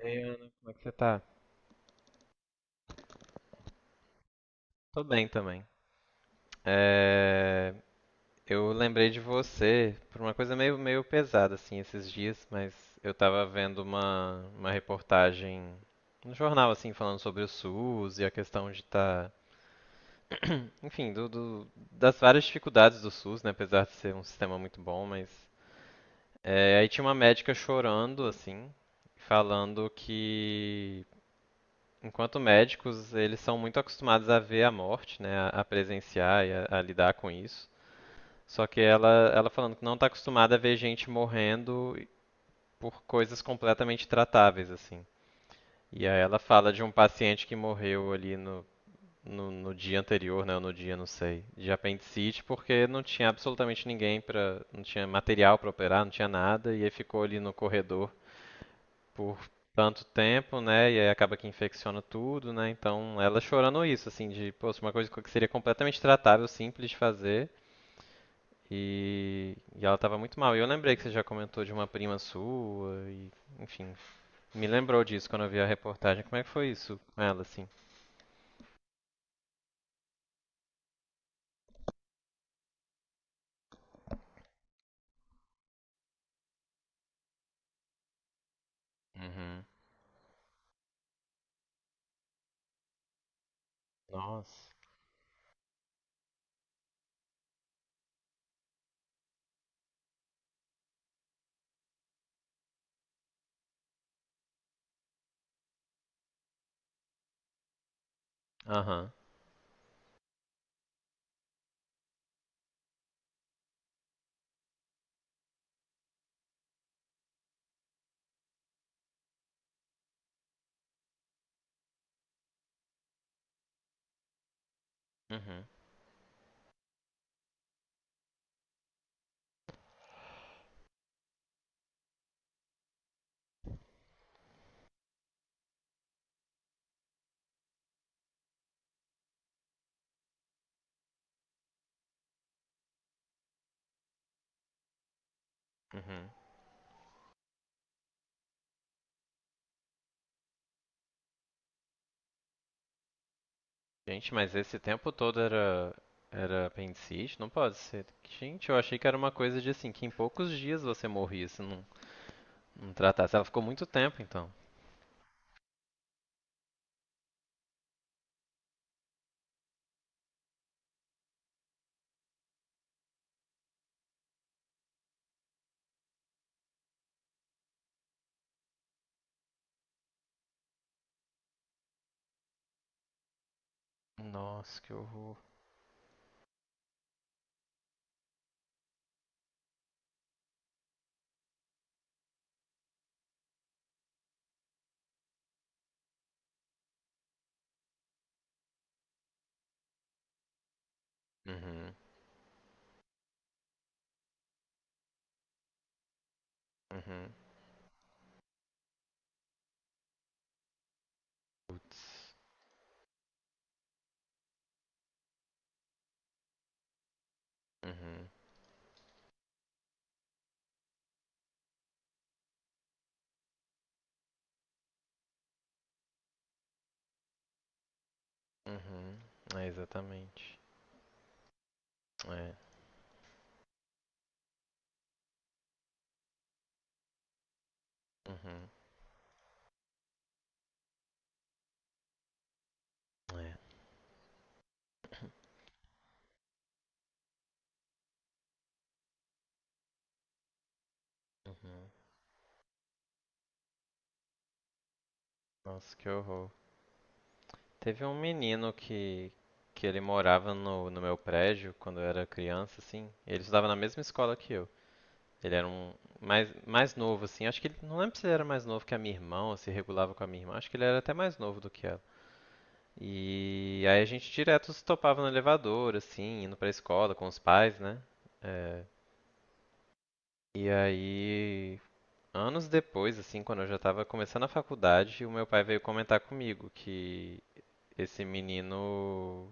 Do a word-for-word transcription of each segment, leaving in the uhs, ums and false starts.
Ei, Ana, como é que você tá? Tô bem também. É, Eu lembrei de você por uma coisa meio, meio pesada assim esses dias, mas eu tava vendo uma, uma reportagem no jornal assim falando sobre o SUS e a questão de estar, enfim, do, do- das várias dificuldades do SUS, né, apesar de ser um sistema muito bom, mas é, aí tinha uma médica chorando assim, falando que enquanto médicos, eles são muito acostumados a ver a morte, né, a a presenciar e a, a lidar com isso. Só que ela, ela falando que não está acostumada a ver gente morrendo por coisas completamente tratáveis, assim. E aí ela fala de um paciente que morreu ali no, no, no dia anterior, né, ou no dia, não sei, de apendicite, porque não tinha absolutamente ninguém para, não tinha material para operar, não tinha nada, e aí ficou ali no corredor por tanto tempo, né? E aí acaba que infecciona tudo, né? Então ela chorando isso, assim, de, poxa, uma coisa que seria completamente tratável, simples de fazer. E, e ela tava muito mal. E eu lembrei que você já comentou de uma prima sua, e, enfim, me lembrou disso quando eu vi a reportagem. Como é que foi isso com ela, assim? Uhum. Nossa. Aham. Uhum. Uhum. Gente, mas esse tempo todo era era apendicite? Não pode ser. Gente, eu achei que era uma coisa de assim, que em poucos dias você morria, se não não tratasse. Ela ficou muito tempo, então. Nossa, que horror. Uhum, uhum, uhum, uhum. É, exatamente. É, uhum, é, uhum. Nossa, que horror. Teve um menino que, que ele morava no, no meu prédio quando eu era criança, assim. Ele estudava na mesma escola que eu. Ele era um mais, mais novo, assim. Acho que ele. Não lembro se ele era mais novo que a minha irmã ou se regulava com a minha irmã. Acho que ele era até mais novo do que ela. E aí a gente direto se topava no elevador, assim, indo pra escola com os pais, né? É, e aí, anos depois, assim, quando eu já tava começando a faculdade, o meu pai veio comentar comigo que esse menino,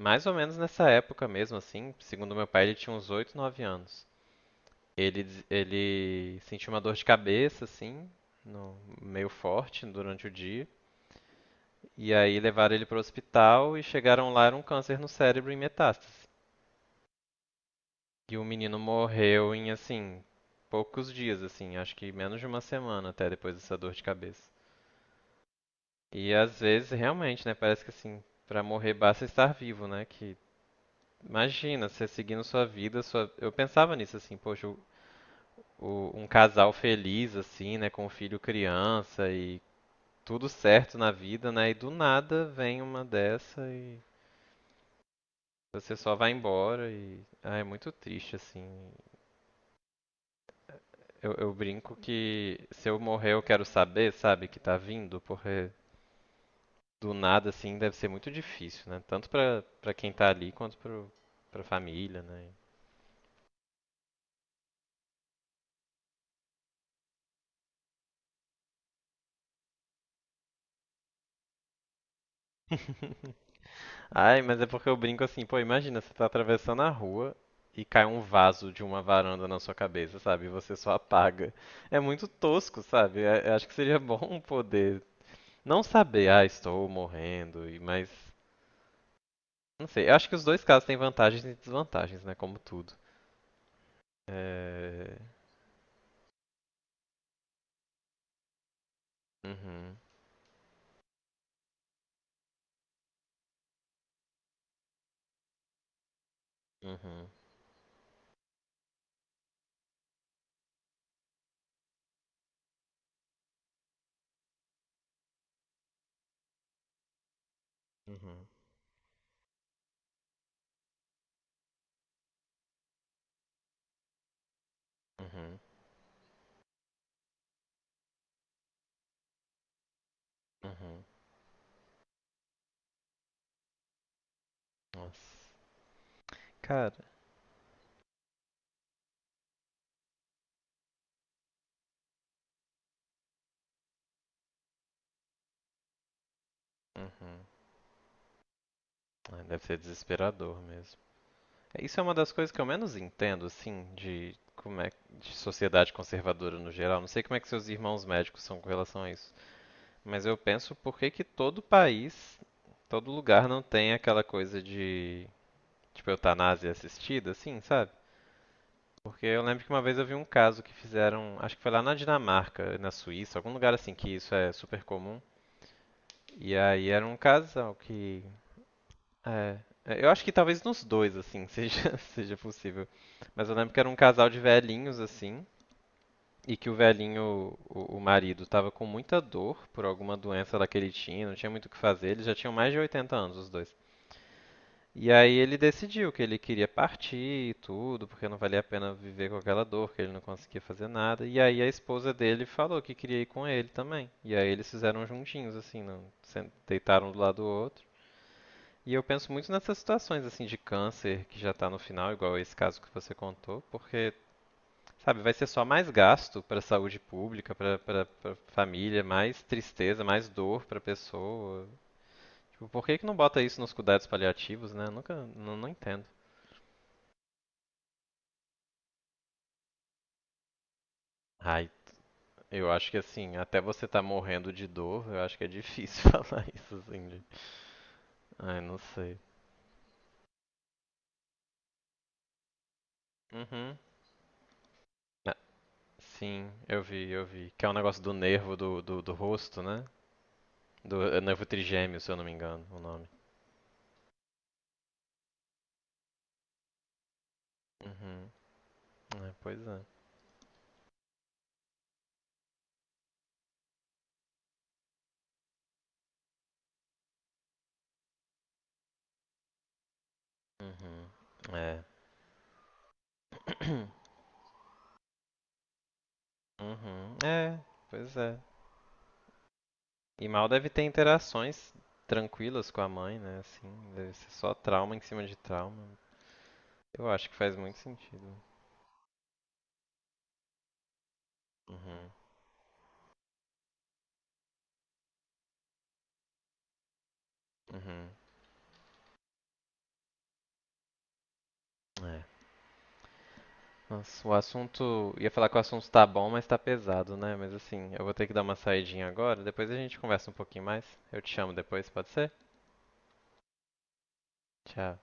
mais ou menos nessa época mesmo, assim, segundo meu pai, ele tinha uns oito, nove anos. Ele, des- ele sentiu uma dor de cabeça, assim, no- meio forte durante o dia. E aí levaram ele pro hospital e chegaram lá, era um câncer no cérebro em metástase. E o menino morreu em, assim, poucos dias, assim, acho que menos de uma semana até depois dessa dor de cabeça. E às vezes, realmente, né, parece que assim, pra morrer basta estar vivo, né? Que imagina, você seguindo sua vida, sua... eu pensava nisso assim, poxa, o- o- um casal feliz assim, né, com um filho criança e tudo certo na vida, né? E do nada vem uma dessa e você só vai embora e ah, é muito triste assim. Eu, eu brinco que se eu morrer eu quero saber, sabe, que tá vindo, porque do nada assim deve ser muito difícil, né? Tanto pra, pra quem tá ali quanto pro, pra família, né? Ai, mas é porque eu brinco assim, pô, imagina, você tá atravessando a rua e cai um vaso de uma varanda na sua cabeça, sabe? E você só apaga. É muito tosco, sabe? É- eu acho que seria bom poder não saber, ah, estou morrendo, e mas não sei. Eu acho que os dois casos têm vantagens e desvantagens, né? Como tudo. É, uhum, uhum, uhum, uhum, uhum. Nossa. Cara, uhum. Ai, deve ser desesperador mesmo. É, isso é uma das coisas que eu menos entendo, assim, de como é de sociedade conservadora no geral. Não sei como é que seus irmãos médicos são com relação a isso, mas eu penso por que que todo país, todo lugar não tem aquela coisa de tipo eutanásia assistida, assim, sabe? Porque eu lembro que uma vez eu vi um caso que fizeram, acho que foi lá na Dinamarca, na Suíça, algum lugar assim que isso é super comum. E aí era um casal que. É. É, eu acho que talvez nos dois, assim, seja, seja possível. Mas eu lembro que era um casal de velhinhos, assim, e que o velhinho, o, o marido, tava com muita dor por alguma doença lá que ele tinha, não tinha muito o que fazer, eles já tinham mais de oitenta anos, os dois. E aí ele decidiu que ele queria partir e tudo, porque não valia a pena viver com aquela dor, que ele não conseguia fazer nada. E aí a esposa dele falou que queria ir com ele também. E aí eles fizeram juntinhos, assim, não- sen- deitaram um do lado do outro. E eu penso muito nessas situações assim de câncer que já está no final, igual esse caso que você contou, porque, sabe, vai ser só mais gasto para a saúde pública, para a família, mais tristeza, mais dor para a pessoa. Tipo, por que que não bota isso nos cuidados paliativos, né? Nunca, não, não entendo. Ai, eu acho que assim, até você tá morrendo de dor, eu acho que é difícil falar isso assim. De... Ai, não sei. Uhum. Ah, sim, eu vi, eu vi. Que é um negócio do nervo do, do, do rosto, né? Do Noivo Trigêmeo, se eu não me engano, o nome. Uhum. É, pois é. Uhum. É. Uhum. É, pois é. E mal deve ter interações tranquilas com a mãe, né? Assim, deve ser só trauma em cima de trauma. Eu acho que faz muito sentido. Uhum. Uhum. É. Nossa, o assunto. Ia falar que o assunto tá bom, mas tá pesado, né? Mas assim, eu vou ter que dar uma saidinha agora. Depois a gente conversa um pouquinho mais. Eu te chamo depois, pode ser? Tchau.